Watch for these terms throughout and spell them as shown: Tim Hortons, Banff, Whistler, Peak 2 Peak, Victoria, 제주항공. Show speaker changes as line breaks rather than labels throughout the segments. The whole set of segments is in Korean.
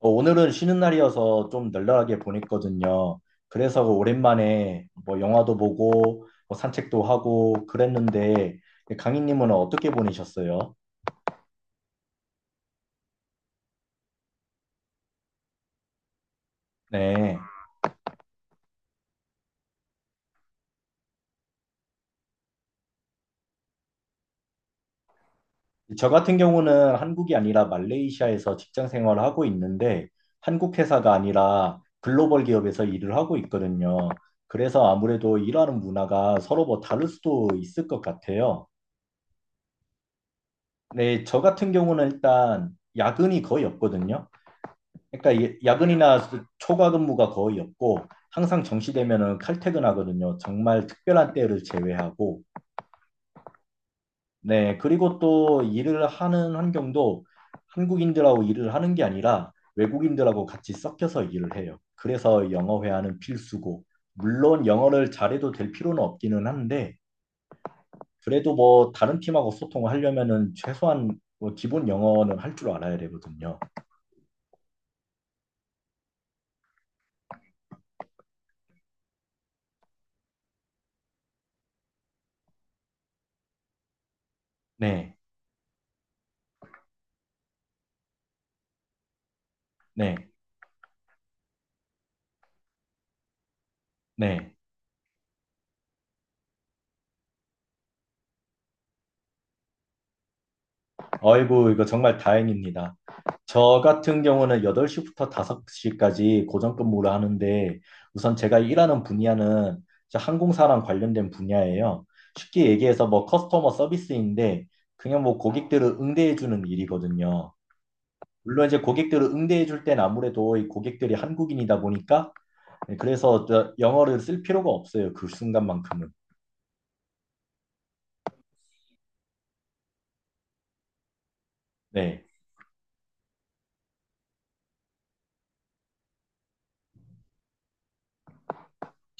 오늘은 쉬는 날이어서 좀 널널하게 보냈거든요. 그래서 오랜만에 뭐 영화도 보고 뭐 산책도 하고 그랬는데 강희님은 어떻게 보내셨어요? 네. 저 같은 경우는 한국이 아니라 말레이시아에서 직장 생활을 하고 있는데 한국 회사가 아니라 글로벌 기업에서 일을 하고 있거든요. 그래서 아무래도 일하는 문화가 서로 뭐 다를 수도 있을 것 같아요. 네, 저 같은 경우는 일단 야근이 거의 없거든요. 그러니까 야근이나 초과 근무가 거의 없고 항상 정시되면은 칼퇴근하거든요. 정말 특별한 때를 제외하고. 네, 그리고 또 일을 하는 환경도 한국인들하고 일을 하는 게 아니라 외국인들하고 같이 섞여서 일을 해요. 그래서 영어 회화는 필수고 물론 영어를 잘해도 될 필요는 없기는 한데 그래도 뭐 다른 팀하고 소통을 하려면은 최소한 뭐 기본 영어는 할 줄 알아야 되거든요. 네, 네, 네. 아이고, 이거 정말 다행입니다. 저 같은 경우는 8시부터 5시까지 고정 근무를 하는데 우선 제가 일하는 분야는 저 항공사랑 관련된 분야예요. 쉽게 얘기해서 뭐 커스터머 서비스인데 그냥 뭐 고객들을 응대해주는 일이거든요. 물론 이제 고객들을 응대해줄 땐 아무래도 이 고객들이 한국인이다 보니까 네, 그래서 저 영어를 쓸 필요가 없어요. 그 순간만큼은. 네.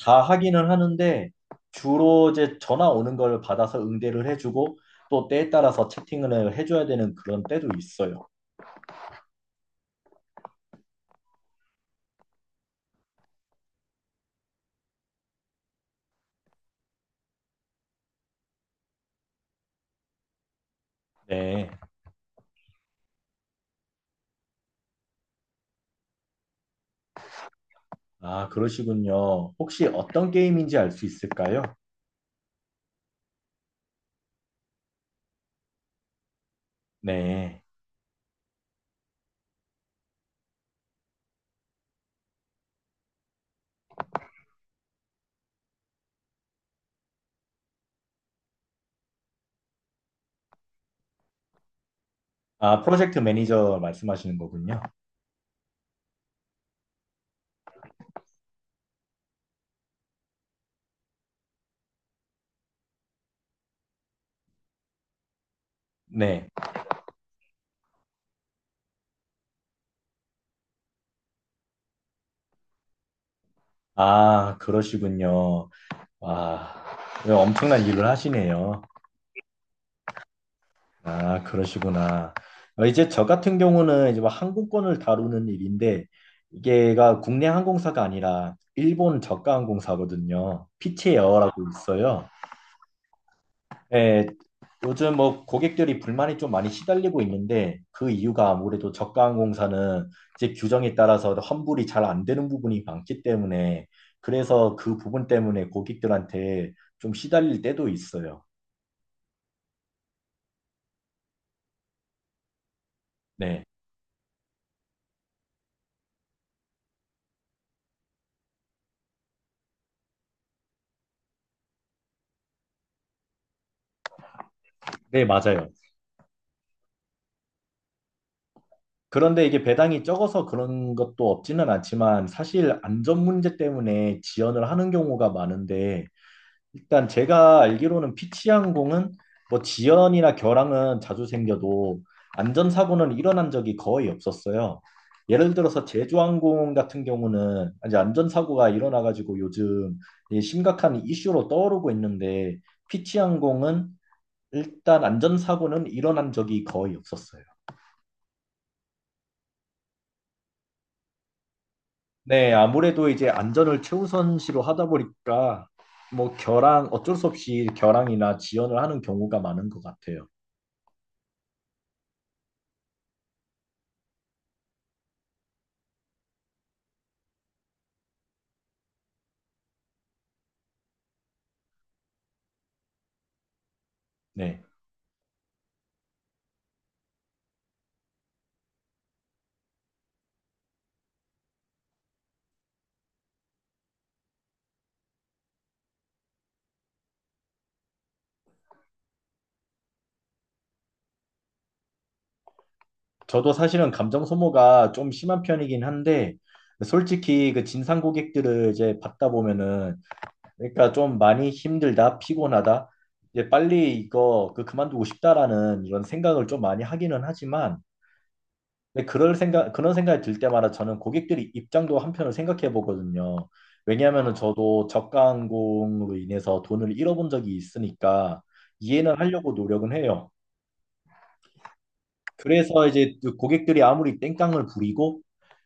다 하기는 하는데 주로 이제 전화 오는 걸 받아서 응대를 해주고 또 때에 따라서 채팅을 해줘야 되는 그런 때도 있어요. 네. 아, 그러시군요. 혹시 어떤 게임인지 알 수 있을까요? 네. 아, 프로젝트 매니저 말씀하시는 거군요. 네. 아, 그러시군요. 와, 엄청난 일을 하시네요. 아, 그러시구나. 이제 저 같은 경우는 이제 뭐 항공권을 다루는 일인데 이게가 국내 항공사가 아니라 일본 저가 항공사거든요. 피치 에어라고 있어요. 예, 요즘 뭐 고객들이 불만이 좀 많이 시달리고 있는데 그 이유가 아무래도 저가 항공사는 이제 규정에 따라서 환불이 잘 안 되는 부분이 많기 때문에 그래서 그 부분 때문에 고객들한테 좀 시달릴 때도 있어요. 네, 네, 맞아요. 그런데 이게 배당이 적어서 그런 것도 없지는 않지만 사실 안전 문제 때문에 지연을 하는 경우가 많은데 일단 제가 알기로는 피치항공은 뭐 지연이나 결항은 자주 생겨도 안전사고는 일어난 적이 거의 없었어요. 예를 들어서 제주항공 같은 경우는 이제 안전사고가 일어나가지고 요즘 이 심각한 이슈로 떠오르고 있는데 피치항공은 일단 안전사고는 일어난 적이 거의 없었어요. 네, 아무래도 이제 안전을 최우선시로 하다 보니까 뭐 결항 어쩔 수 없이 결항이나 지연을 하는 경우가 많은 것 같아요. 네, 저도 사실은 감정 소모가 좀 심한 편이긴 한데 솔직히 그 진상 고객들을 이제 받다 보면은 그러니까 좀 많이 힘들다, 피곤하다, 이제 빨리 이거 그 그만두고 싶다라는 이런 생각을 좀 많이 하기는 하지만 근데 그럴 생각, 그런 생각이 들 때마다 저는 고객들이 입장도 한편으로 생각해 보거든요. 왜냐하면은 저도 저가 항공으로 인해서 돈을 잃어본 적이 있으니까 이해는 하려고 노력은 해요. 그래서 이제 그 고객들이 아무리 땡깡을 부리고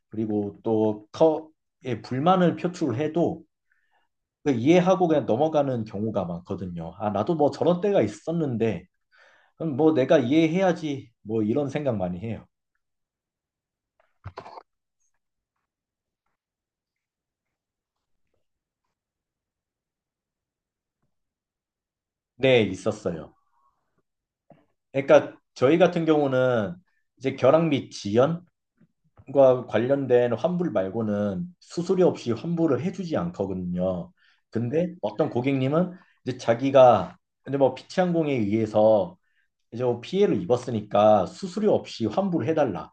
그리고 또 예, 불만을 표출해도 그 이해하고 그냥 넘어가는 경우가 많거든요. 아, 나도 뭐 저런 때가 있었는데 그럼 뭐 내가 이해해야지 뭐 이런 생각 많이 해요. 네, 있었어요. 그러니까 저희 같은 경우는 이제 결항 및 지연과 관련된 환불 말고는 수수료 없이 환불을 해주지 않거든요. 근데 어떤 고객님은 이제 자기가 이제 뭐 피치항공에 의해서 이제 뭐 피해를 입었으니까 수수료 없이 환불을 해달라.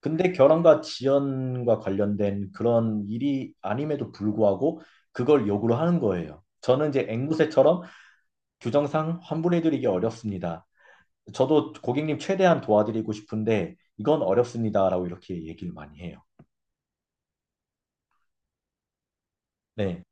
근데 결항과 지연과 관련된 그런 일이 아님에도 불구하고 그걸 요구를 하는 거예요. 저는 이제 앵무새처럼 규정상 환불해드리기 어렵습니다. 저도 고객님 최대한 도와드리고 싶은데 이건 어렵습니다라고 이렇게 얘기를 많이 해요. 네.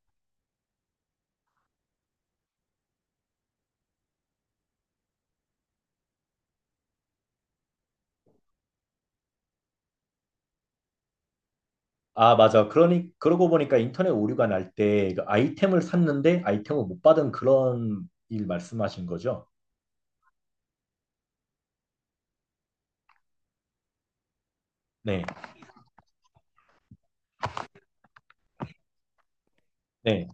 아, 맞아. 그러니 그러고 보니까 인터넷 오류가 날때 그 아이템을 샀는데 아이템을 못 받은 그런 일 말씀하신 거죠? 네. 네.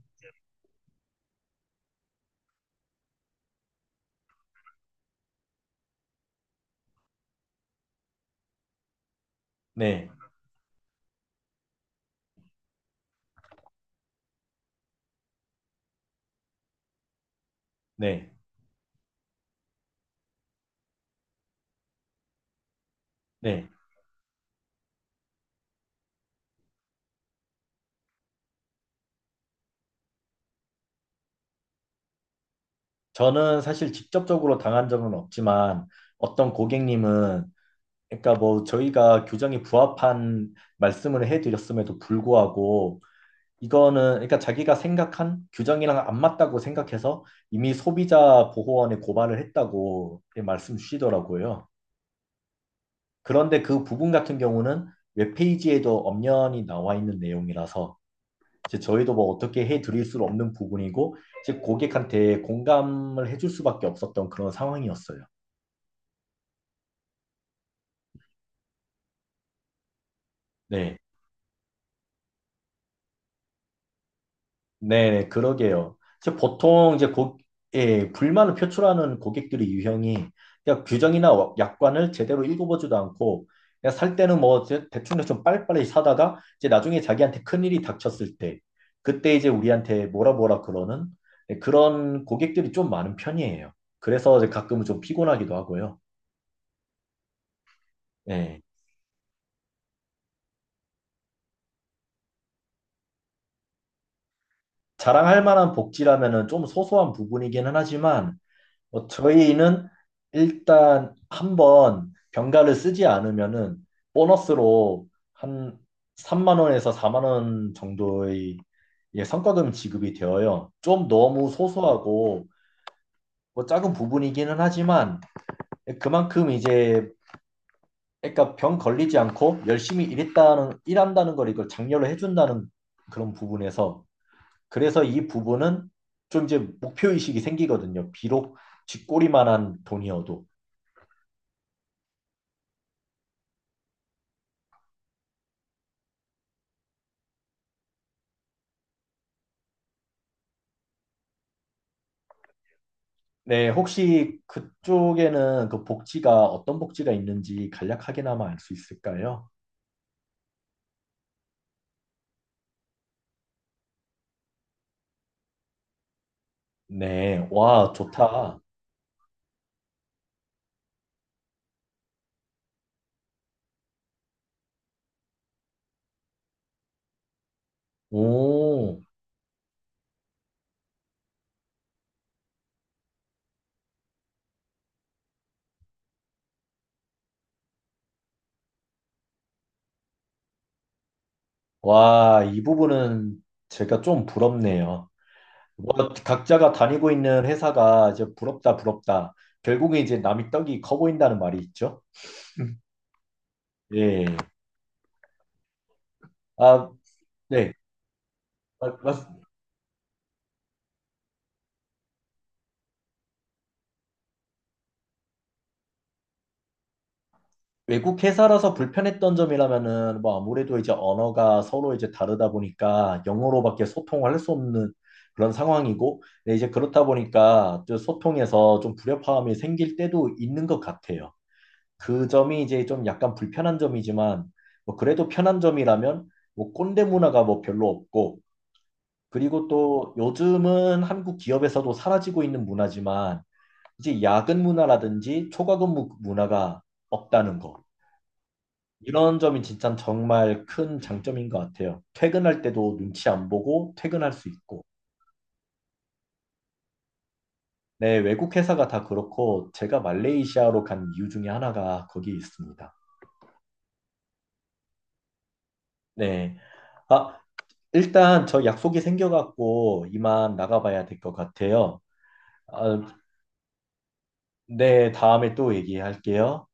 네. 네. 네. 저는 사실 직접적으로 당한 적은 없지만 어떤 고객님은 그러니까 뭐 저희가 규정에 부합한 말씀을 해드렸음에도 불구하고 이거는 그러니까 자기가 생각한 규정이랑 안 맞다고 생각해서 이미 소비자 보호원에 고발을 했다고 말씀 주시더라고요. 그런데 그 부분 같은 경우는 웹페이지에도 엄연히 나와 있는 내용이라서 이제 저희도 뭐 어떻게 해드릴 수 없는 부분이고 이제 고객한테 공감을 해줄 수밖에 없었던 그런 상황이었어요. 네. 네, 그러게요. 이제 보통 이제 예, 불만을 표출하는 고객들의 유형이 그냥 규정이나 약관을 제대로 읽어보지도 않고 그냥 살 때는 뭐 대충 좀 빨리빨리 사다가 이제 나중에 자기한테 큰일이 닥쳤을 때 그때 이제 우리한테 뭐라 뭐라 그러는 예, 그런 고객들이 좀 많은 편이에요. 그래서 이제 가끔은 좀 피곤하기도 하고요. 예. 자랑할 만한 복지라면은 좀 소소한 부분이기는 하지만 저희는 일단 한번 병가를 쓰지 않으면은 보너스로 한 3만 원에서 4만 원 정도의 예, 성과금 지급이 되어요. 좀 너무 소소하고 뭐 작은 부분이기는 하지만 그만큼 이제 그러니까 병 걸리지 않고 열심히 일했다는 일한다는 걸 이걸 장려를 해준다는 그런 부분에서 그래서 이 부분은 좀 이제 목표 의식이 생기거든요. 비록 쥐꼬리만한 돈이어도. 네, 혹시 그쪽에는 그 복지가 어떤 복지가 있는지 간략하게나마 알 수 있을까요? 네, 와, 좋다. 오, 와, 이 부분은 제가 좀 부럽네요. 뭐, 각자가 다니고 있는 회사가 이제 부럽다, 부럽다. 결국에 이제 남이 떡이 커 보인다는 말이 있죠. 예. 아, 네. 말- 외국 회사라서 불편했던 점이라면은 뭐 아무래도 이제 언어가 서로 이제 다르다 보니까 영어로밖에 소통을 할 수 없는 그런 상황이고 근데 이제 그렇다 보니까 좀 소통에서 좀 불협화음이 생길 때도 있는 것 같아요. 그 점이 이제 좀 약간 불편한 점이지만 뭐 그래도 편한 점이라면 뭐 꼰대 문화가 뭐 별로 없고 그리고 또 요즘은 한국 기업에서도 사라지고 있는 문화지만 이제 야근 문화라든지 초과근무 문화가 없다는 거. 이런 점이 진짜 정말 큰 장점인 것 같아요. 퇴근할 때도 눈치 안 보고 퇴근할 수 있고. 네, 외국 회사가 다 그렇고 제가 말레이시아로 간 이유 중에 하나가 거기에 있습니다. 네. 아, 일단 저 약속이 생겨갖고 이만 나가봐야 될 것 같아요. 아, 네, 다음에 또 얘기할게요.